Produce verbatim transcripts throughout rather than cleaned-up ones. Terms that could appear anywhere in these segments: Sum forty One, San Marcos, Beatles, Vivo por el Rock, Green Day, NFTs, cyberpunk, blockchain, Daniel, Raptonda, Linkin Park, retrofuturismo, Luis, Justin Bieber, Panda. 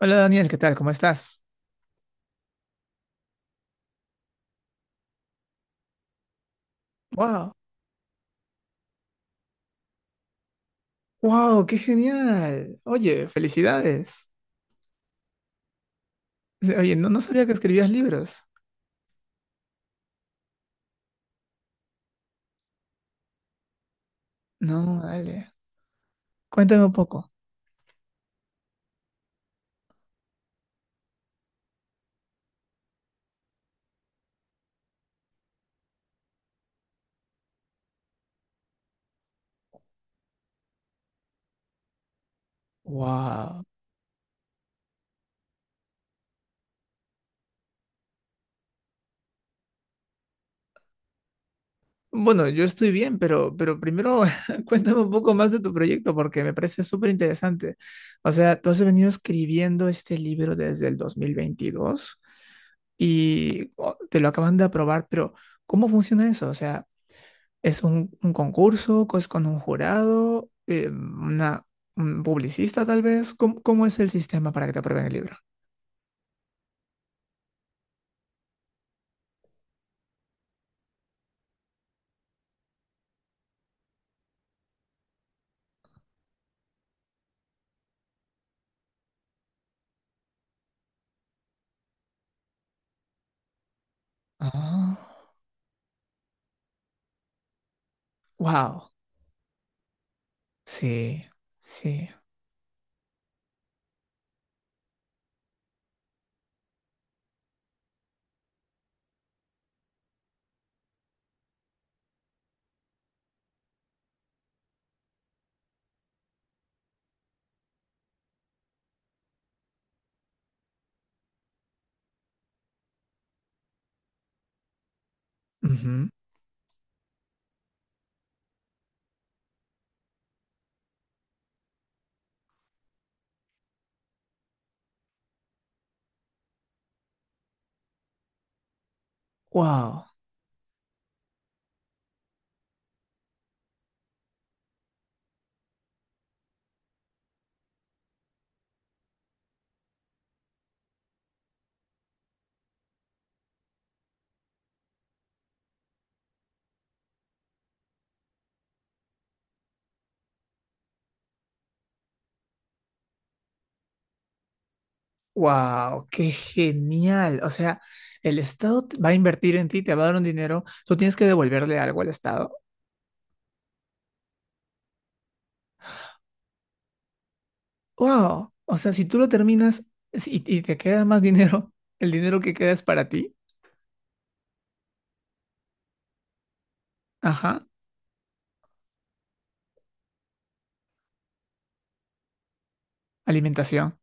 Hola Daniel, ¿qué tal? ¿Cómo estás? ¡Wow! ¡Wow! ¡Qué genial! Oye, felicidades. Se- Oye, no, no sabía que escribías libros. No, dale. Cuéntame un poco. ¡Wow! Bueno, yo estoy bien, pero, pero primero cuéntame un poco más de tu proyecto porque me parece súper interesante. O sea, tú has venido escribiendo este libro desde el dos mil veintidós y oh, te lo acaban de aprobar, pero ¿cómo funciona eso? O sea, es un, un concurso, es con un jurado, eh, una, un publicista tal vez. ¿Cómo, cómo es el sistema para que te aprueben el libro? Ah, wow. Sí, sí. Ujú. Wow, wow, qué genial. O sea, el Estado te- va a invertir en ti, te va a dar un dinero, tú tienes que devolverle algo al Estado. Wow, o sea, si tú lo terminas si- y, y te queda más dinero, el dinero que queda es para ti. Ajá, alimentación.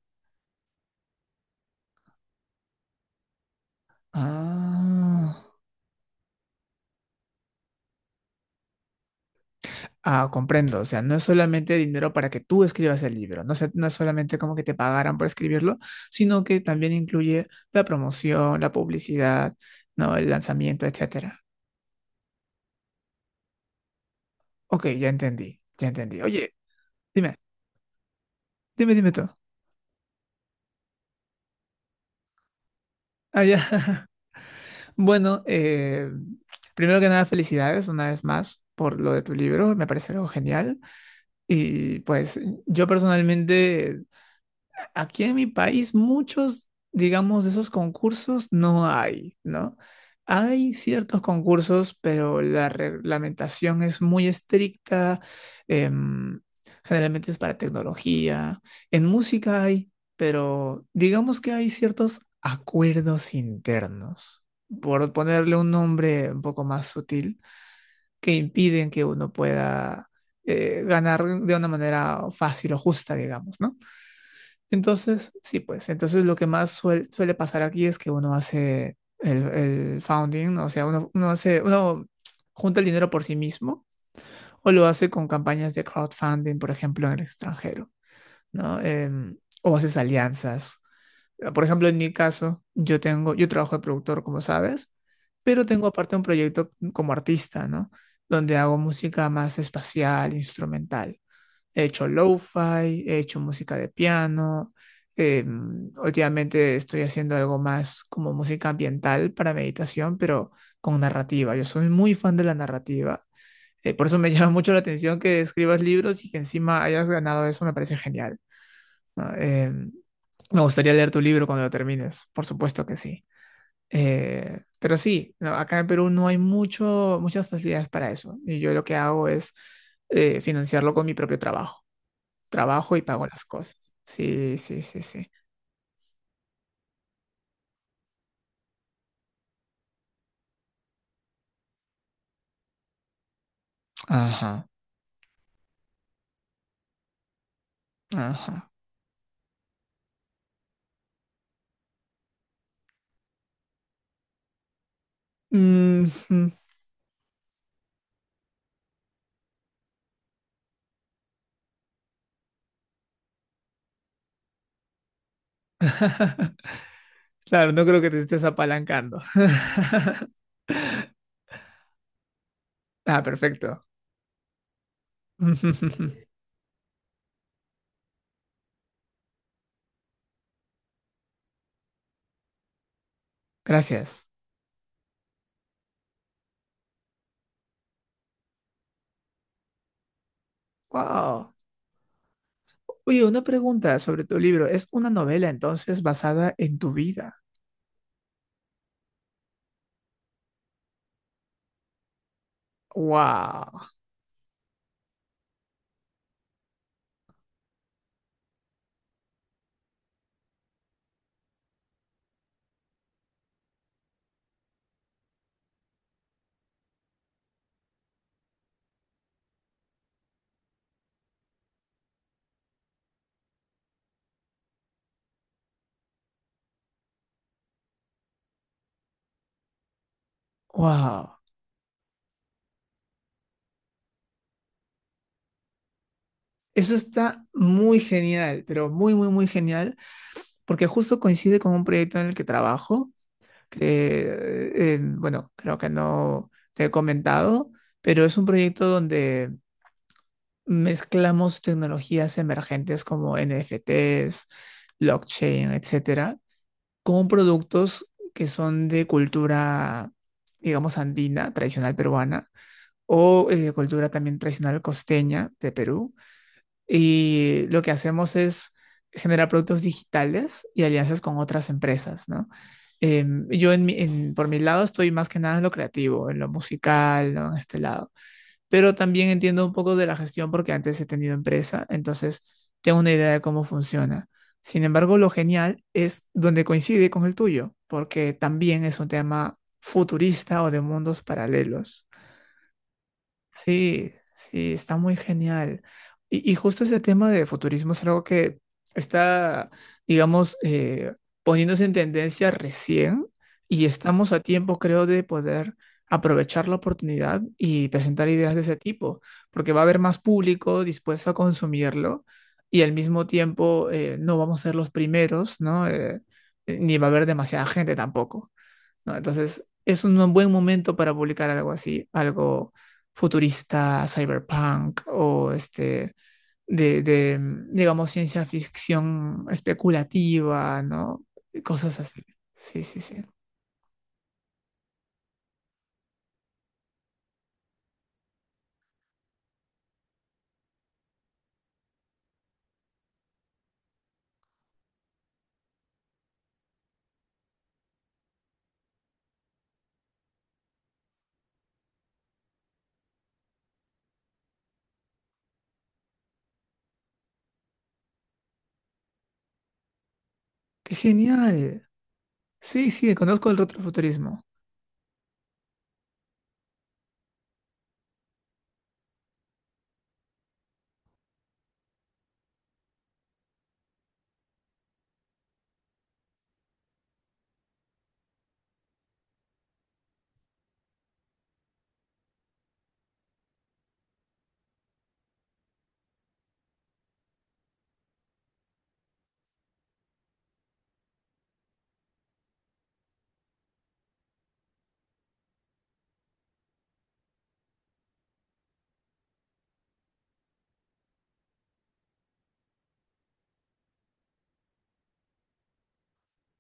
Ah, ah, comprendo. O sea, no es solamente dinero para que tú escribas el libro. No sé, no es solamente como que te pagaran por escribirlo, sino que también incluye la promoción, la publicidad, ¿no? El lanzamiento, etcétera. Ok, ya entendí, ya entendí. Oye, dime, dime, dime tú. Ah, ya. Bueno, eh, primero que nada, felicidades una vez más por lo de tu libro. Me parece algo genial. Y pues yo personalmente aquí en mi país muchos, digamos, de esos concursos no hay, ¿no? Hay ciertos concursos, pero la reglamentación es muy estricta. em, Generalmente es para tecnología. En música hay, pero digamos que hay ciertos acuerdos internos, por ponerle un nombre un poco más sutil, que impiden que uno pueda eh, ganar de una manera fácil o justa, digamos, ¿no? Entonces, sí, pues, entonces lo que más suel- suele pasar aquí es que uno hace el, el founding, ¿no? O sea, uno, uno hace, uno junta el dinero por sí mismo o lo hace con campañas de crowdfunding, por ejemplo, en el extranjero, ¿no? Em, o haces alianzas. Por ejemplo, en mi caso, yo tengo, yo trabajo de productor, como sabes, pero tengo aparte un proyecto como artista, ¿no? Donde hago música más espacial, instrumental. He hecho lo-fi, he hecho música de piano. Eh, últimamente estoy haciendo algo más como música ambiental para meditación, pero con narrativa. Yo soy muy fan de la narrativa. Eh, por eso me llama mucho la atención que escribas libros y que encima hayas ganado eso, me parece genial, ¿no? Em, me gustaría leer tu libro cuando lo termines, por supuesto que sí. Eh, pero sí, no, acá en Perú no hay mucho, muchas facilidades para eso. Y yo lo que hago es eh, financiarlo con mi propio trabajo. Trabajo y pago las cosas. Sí, sí, sí, sí. Ajá, ajá. Mm, mm. Claro, no creo que te estés apalancando. Ah, perfecto. Gracias. Wow. Oye, una pregunta sobre tu libro. ¿Es una novela entonces basada en tu vida? Wow. Wow. Eso está muy genial, pero muy, muy, muy genial, porque justo coincide con un proyecto en el que trabajo que, eh, bueno, creo que no te he comentado, pero es un proyecto donde mezclamos tecnologías emergentes como N F Ts, blockchain, etcétera, con productos que son de cultura, digamos, andina, tradicional peruana, o eh, cultura también tradicional costeña de Perú y lo que hacemos es generar productos digitales y alianzas con otras empresas, ¿no? Eh, yo en mi- en- por mi lado estoy más que nada en lo creativo, en lo musical, ¿no? En este lado. Pero también entiendo un poco de la gestión porque antes he tenido empresa, entonces tengo una idea de cómo funciona. Sin embargo, lo genial es donde coincide con el tuyo, porque también es un tema futurista o de mundos paralelos. Sí, sí, está muy genial. Y, y justo ese tema de futurismo es algo que está, digamos, eh, poniéndose en tendencia recién y estamos a tiempo, creo, de poder aprovechar la oportunidad y presentar ideas de ese tipo, porque va a haber más público dispuesto a consumirlo y al mismo tiempo eh, no vamos a ser los primeros, ¿no? Eh, ni va a haber demasiada gente tampoco. ¿No? Entonces, es un buen momento para publicar algo así, algo futurista, cyberpunk o este, de, de, digamos, ciencia ficción especulativa, ¿no? Cosas así. Sí, sí, sí. ¡Qué genial! Sí, sí, conozco el retrofuturismo.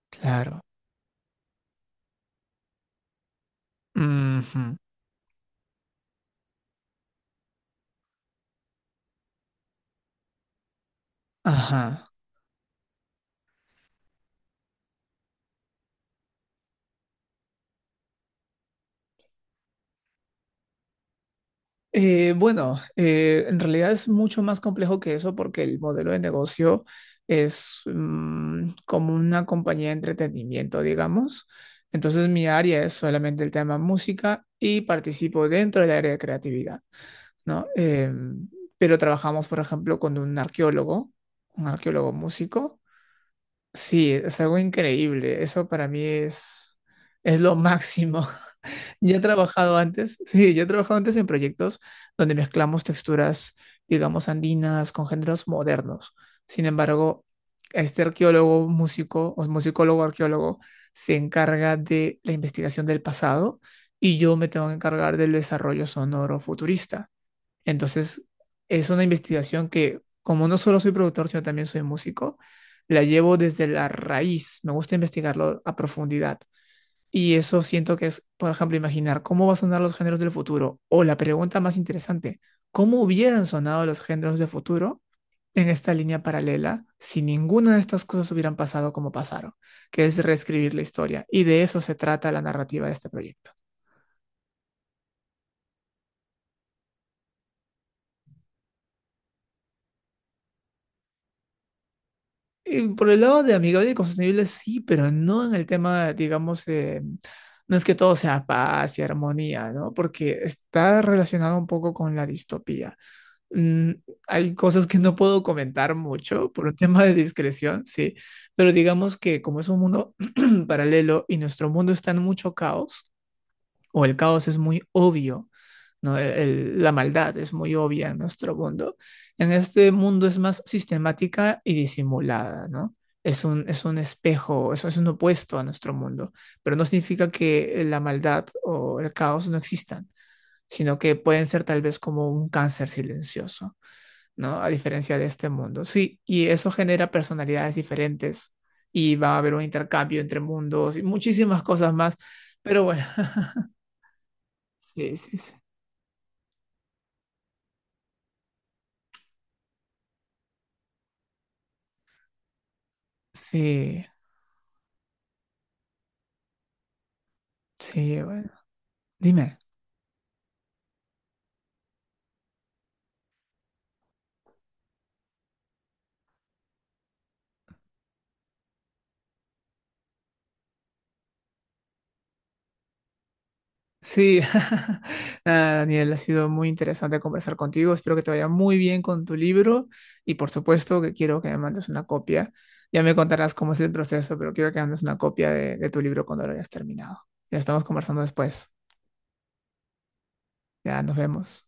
Claro. Ujú. Ajá. Eh, bueno, eh, en realidad es mucho más complejo que eso porque el modelo de negocio es mm, como una compañía de entretenimiento, digamos. Entonces mi área es solamente el tema música y participo dentro del área de creatividad, ¿no? Em, pero trabajamos, por ejemplo, con un arqueólogo, un arqueólogo músico. Sí, es algo increíble. Eso para mí es, es lo máximo. Ya he trabajado antes, sí, yo he trabajado antes en proyectos donde mezclamos texturas, digamos, andinas con géneros modernos. Sin embargo, este arqueólogo, músico o musicólogo arqueólogo se encarga de la investigación del pasado y yo me tengo que encargar del desarrollo sonoro futurista. Entonces, es una investigación que, como no solo soy productor, sino también soy músico, la llevo desde la raíz. Me gusta investigarlo a profundidad. Y eso siento que es, por ejemplo, imaginar cómo van a sonar los géneros del futuro. O la pregunta más interesante, ¿cómo hubieran sonado los géneros del futuro en esta línea paralela si ninguna de estas cosas hubieran pasado como pasaron? Que es reescribir la historia. Y de eso se trata la narrativa de este proyecto. Y por el lado de amigable y sostenible, sí, pero no en el tema, digamos, eh, no es que todo sea paz y armonía, ¿no? Porque está relacionado un poco con la distopía. Mm, hay cosas que no puedo comentar mucho por un tema de discreción, sí, pero digamos que como es un mundo paralelo y nuestro mundo está en mucho caos, o el caos es muy obvio, ¿no? El- el- la maldad es muy obvia en nuestro mundo. En este mundo es más sistemática y disimulada, ¿no? Es un, es un espejo, eso es un opuesto a nuestro mundo, pero no significa que la maldad o el caos no existan, sino que pueden ser tal vez como un cáncer silencioso. ¿No? A diferencia de este mundo. Sí, y eso genera personalidades diferentes y va a haber un intercambio entre mundos y muchísimas cosas más. Pero bueno, sí, sí, sí, sí, sí, bueno, dime. Sí, nada, Daniel, ha sido muy interesante conversar contigo. Espero que te vaya muy bien con tu libro y por supuesto que quiero que me mandes una copia. Ya me contarás cómo es el proceso, pero quiero que me mandes una copia de, de tu libro cuando lo hayas terminado. Ya estamos conversando después. Ya nos vemos.